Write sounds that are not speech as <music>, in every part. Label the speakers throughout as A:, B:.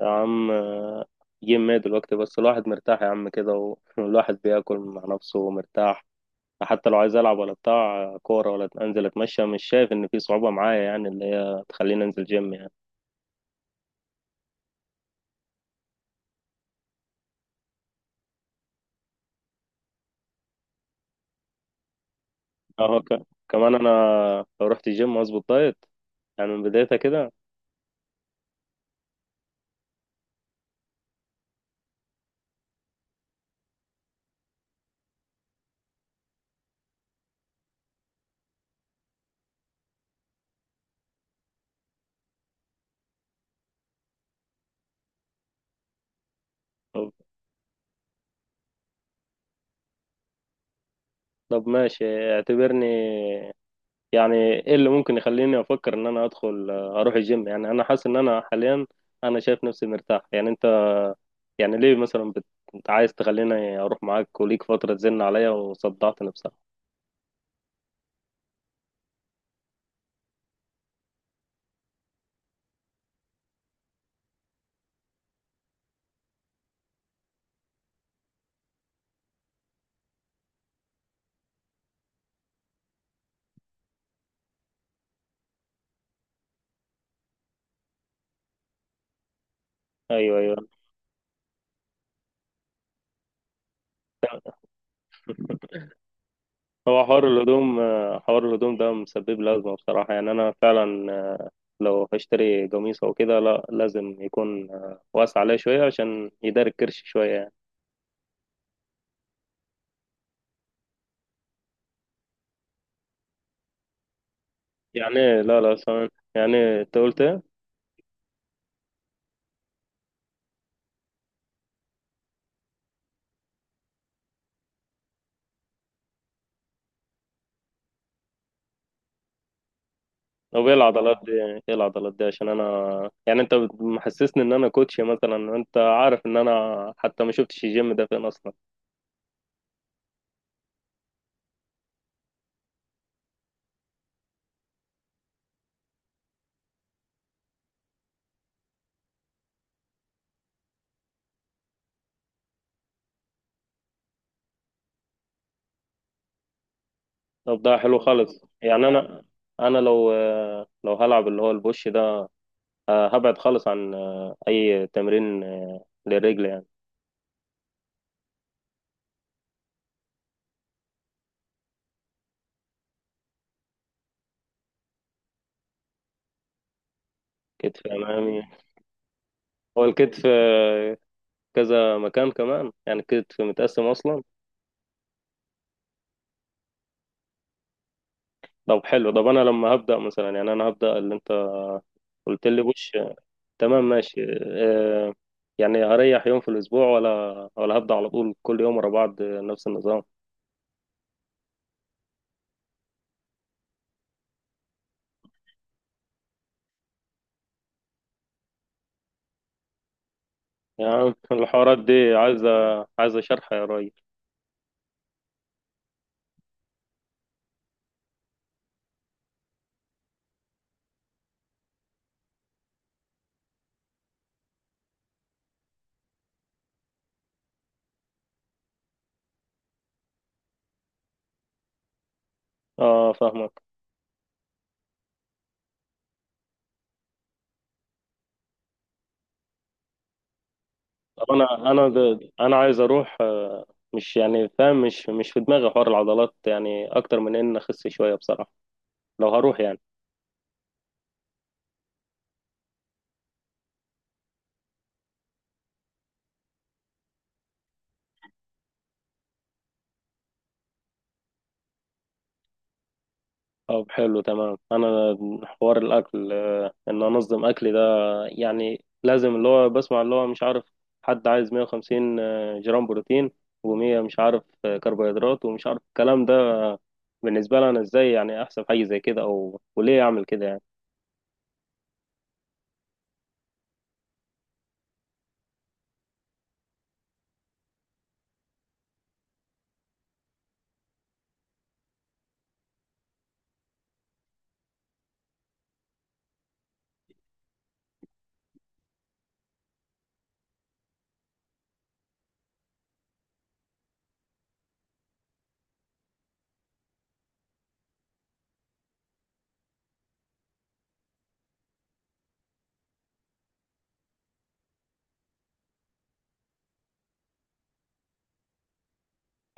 A: يا عم، جيم ايه دلوقتي بس؟ الواحد مرتاح يا عم كده <laughs> والواحد بياكل مع نفسه ومرتاح. حتى لو عايز العب ولا بتاع كوره ولا انزل اتمشى، مش شايف ان في صعوبه معايا يعني اللي هي تخليني انزل جيم يعني. اهو ك- كمان انا لو رحت الجيم واظبط دايت يعني من بدايتها كده. طب طب ماشي، اعتبرني يعني، ايه اللي ممكن يخليني افكر ان انا ادخل اروح الجيم؟ يعني انا حاسس ان انا حاليا انا شايف نفسي مرتاح. يعني انت، يعني ليه مثلا بت... انت عايز تخليني اروح معاك وليك فترة تزن عليا وصدعت نفسها. ايوه، ايوه. هو حوار الهدوم، حوار الهدوم ده مسبب لي ازمه بصراحه، يعني انا فعلا لو هشتري قميص او كده لا لازم يكون واسع عليه شويه عشان يداري الكرش شويه يعني. يعني إيه؟ لا لا سامع. يعني إيه؟ انت قلت ايه؟ طب ايه العضلات دي؟ ايه العضلات دي عشان انا يعني انت محسسني ان انا كوتش، مثلا انت عارف ان انا حتى ما شفتش الجيم ده فين اصلا. طب ده حلو خالص، يعني انا، لو لو هلعب اللي هو البوش ده، هبعد خالص عن اي تمرين للرجل يعني. كتف امامي، هو الكتف كذا مكان كمان يعني؟ الكتف متقسم اصلا؟ طب حلو. طب انا لما هبدا مثلا، يعني انا هبدا اللي انت قلت لي، بوش تمام، ماشي آه، يعني هريح يوم في الاسبوع ولا هبدا على طول كل يوم ورا بعض نفس النظام؟ يعني <laughs> الحوارات دي عايزه، عايزه شرح يا راجل. اه فاهمك. طب انا عايز اروح، مش يعني فاهم مش في دماغي حوار العضلات يعني، اكتر من ان اخس شويه بصراحه. لو هروح يعني. طب حلو تمام. انا حوار الاكل، ان انظم اكلي ده يعني لازم. اللي هو بسمع اللي هو مش عارف حد عايز 150 جرام بروتين و100 مش عارف كربوهيدرات ومش عارف الكلام ده بالنسبه لي انا، ازاي يعني احسب حاجه زي كده؟ او وليه اعمل كده يعني؟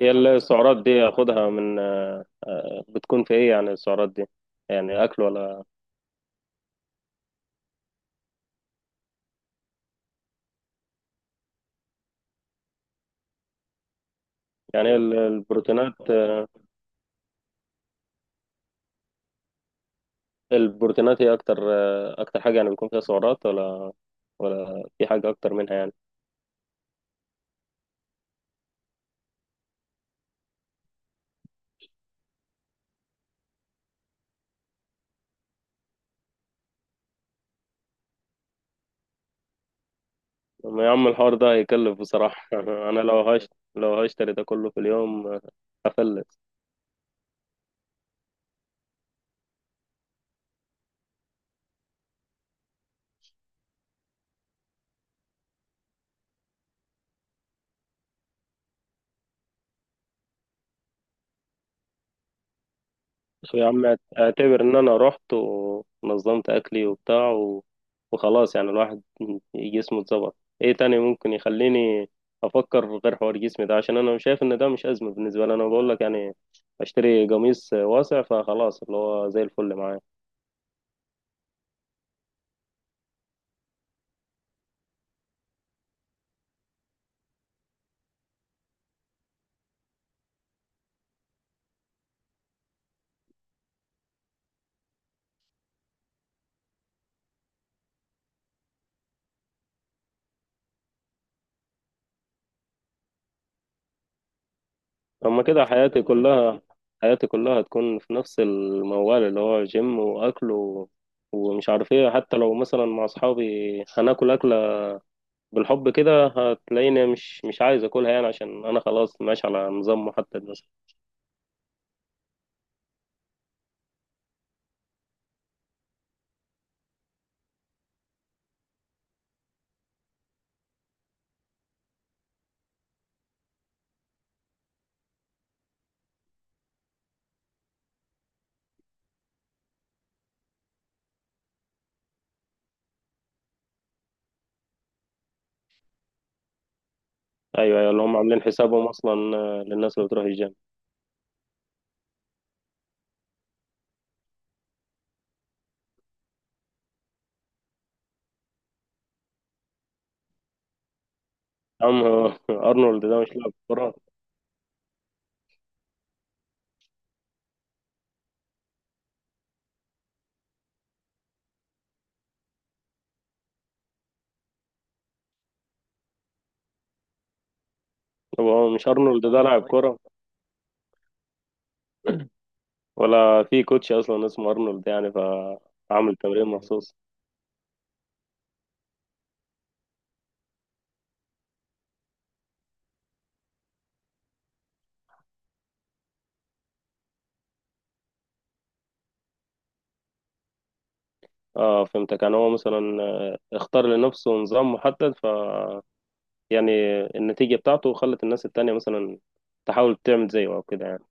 A: هي السعرات دي اخدها من بتكون في ايه يعني السعرات دي؟ يعني اكل ولا، يعني البروتينات؟ البروتينات هي اكتر، اكتر حاجه يعني بيكون فيها سعرات؟ ولا ولا في حاجه اكتر منها يعني؟ ما يا عم الحوار ده هيكلف بصراحه. <laughs> انا لو هش لو هشتري ده كله في اليوم هفلس. يا عم اعتبر ان انا رحت ونظمت اكلي وبتاع وخلاص يعني الواحد جسمه اتظبط، ايه تاني ممكن يخليني افكر غير حوار جسمي ده؟ عشان انا شايف ان ده مش ازمه بالنسبه لي انا، بقول لك يعني اشتري قميص واسع فخلاص اللي هو زي الفل معايا. اما كده حياتي كلها حياتي كلها هتكون في نفس الموال اللي هو جيم واكل ومش عارف ايه. حتى لو مثلا مع اصحابي هناكل اكله بالحب كده، هتلاقيني مش عايز اكلها يعني عشان انا خلاص ماشي على نظام محدد مثلا. ايوه، ايوه، اللي هم عاملين حسابهم اصلا، للناس اللي بتروح الجيم. عم <laughs> ارنولد ده مش لاعب كوره؟ طب هو مش ارنولد ده لاعب كوره؟ ولا في كوتش اصلا اسمه ارنولد يعني فعامل تمرين مخصوص؟ اه فهمتك، يعني هو مثلا اختار لنفسه نظام محدد، ف يعني النتيجه بتاعته خلت الناس التانية مثلا تحاول تعمل زيه او كده يعني.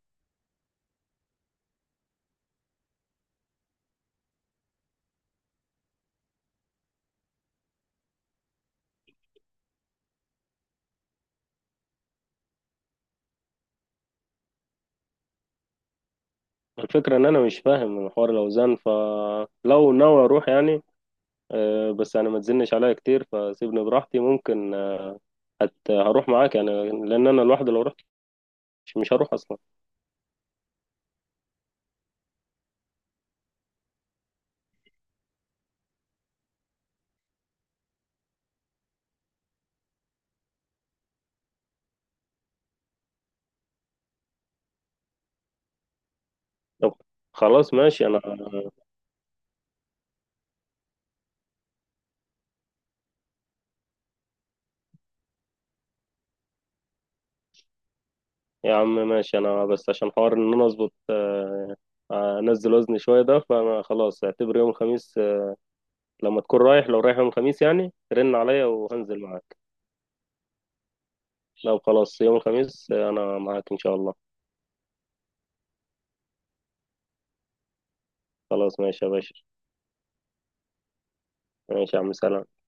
A: الفكرة إن أنا مش فاهم من حوار الأوزان، فلو ناوي أروح يعني بس يعني ما تزنش عليا كتير، فسيبني براحتي ممكن آه، هت هروح معاك يعني، لأن أنا لوحدي لو رحت مش هروح أصلا. طب خلاص، ماشي. أنا يا عم ماشي، أنا بس عشان حوار إن أنا أظبط أنزل وزني شوية ده، فخلاص اعتبر يوم الخميس، لما تكون رايح، لو رايح يوم الخميس يعني رن عليا وهنزل معاك. لو خلاص يوم الخميس أنا معاك إن شاء الله. خلاص ماشي يا باشا. ماشي يا عم، سلام.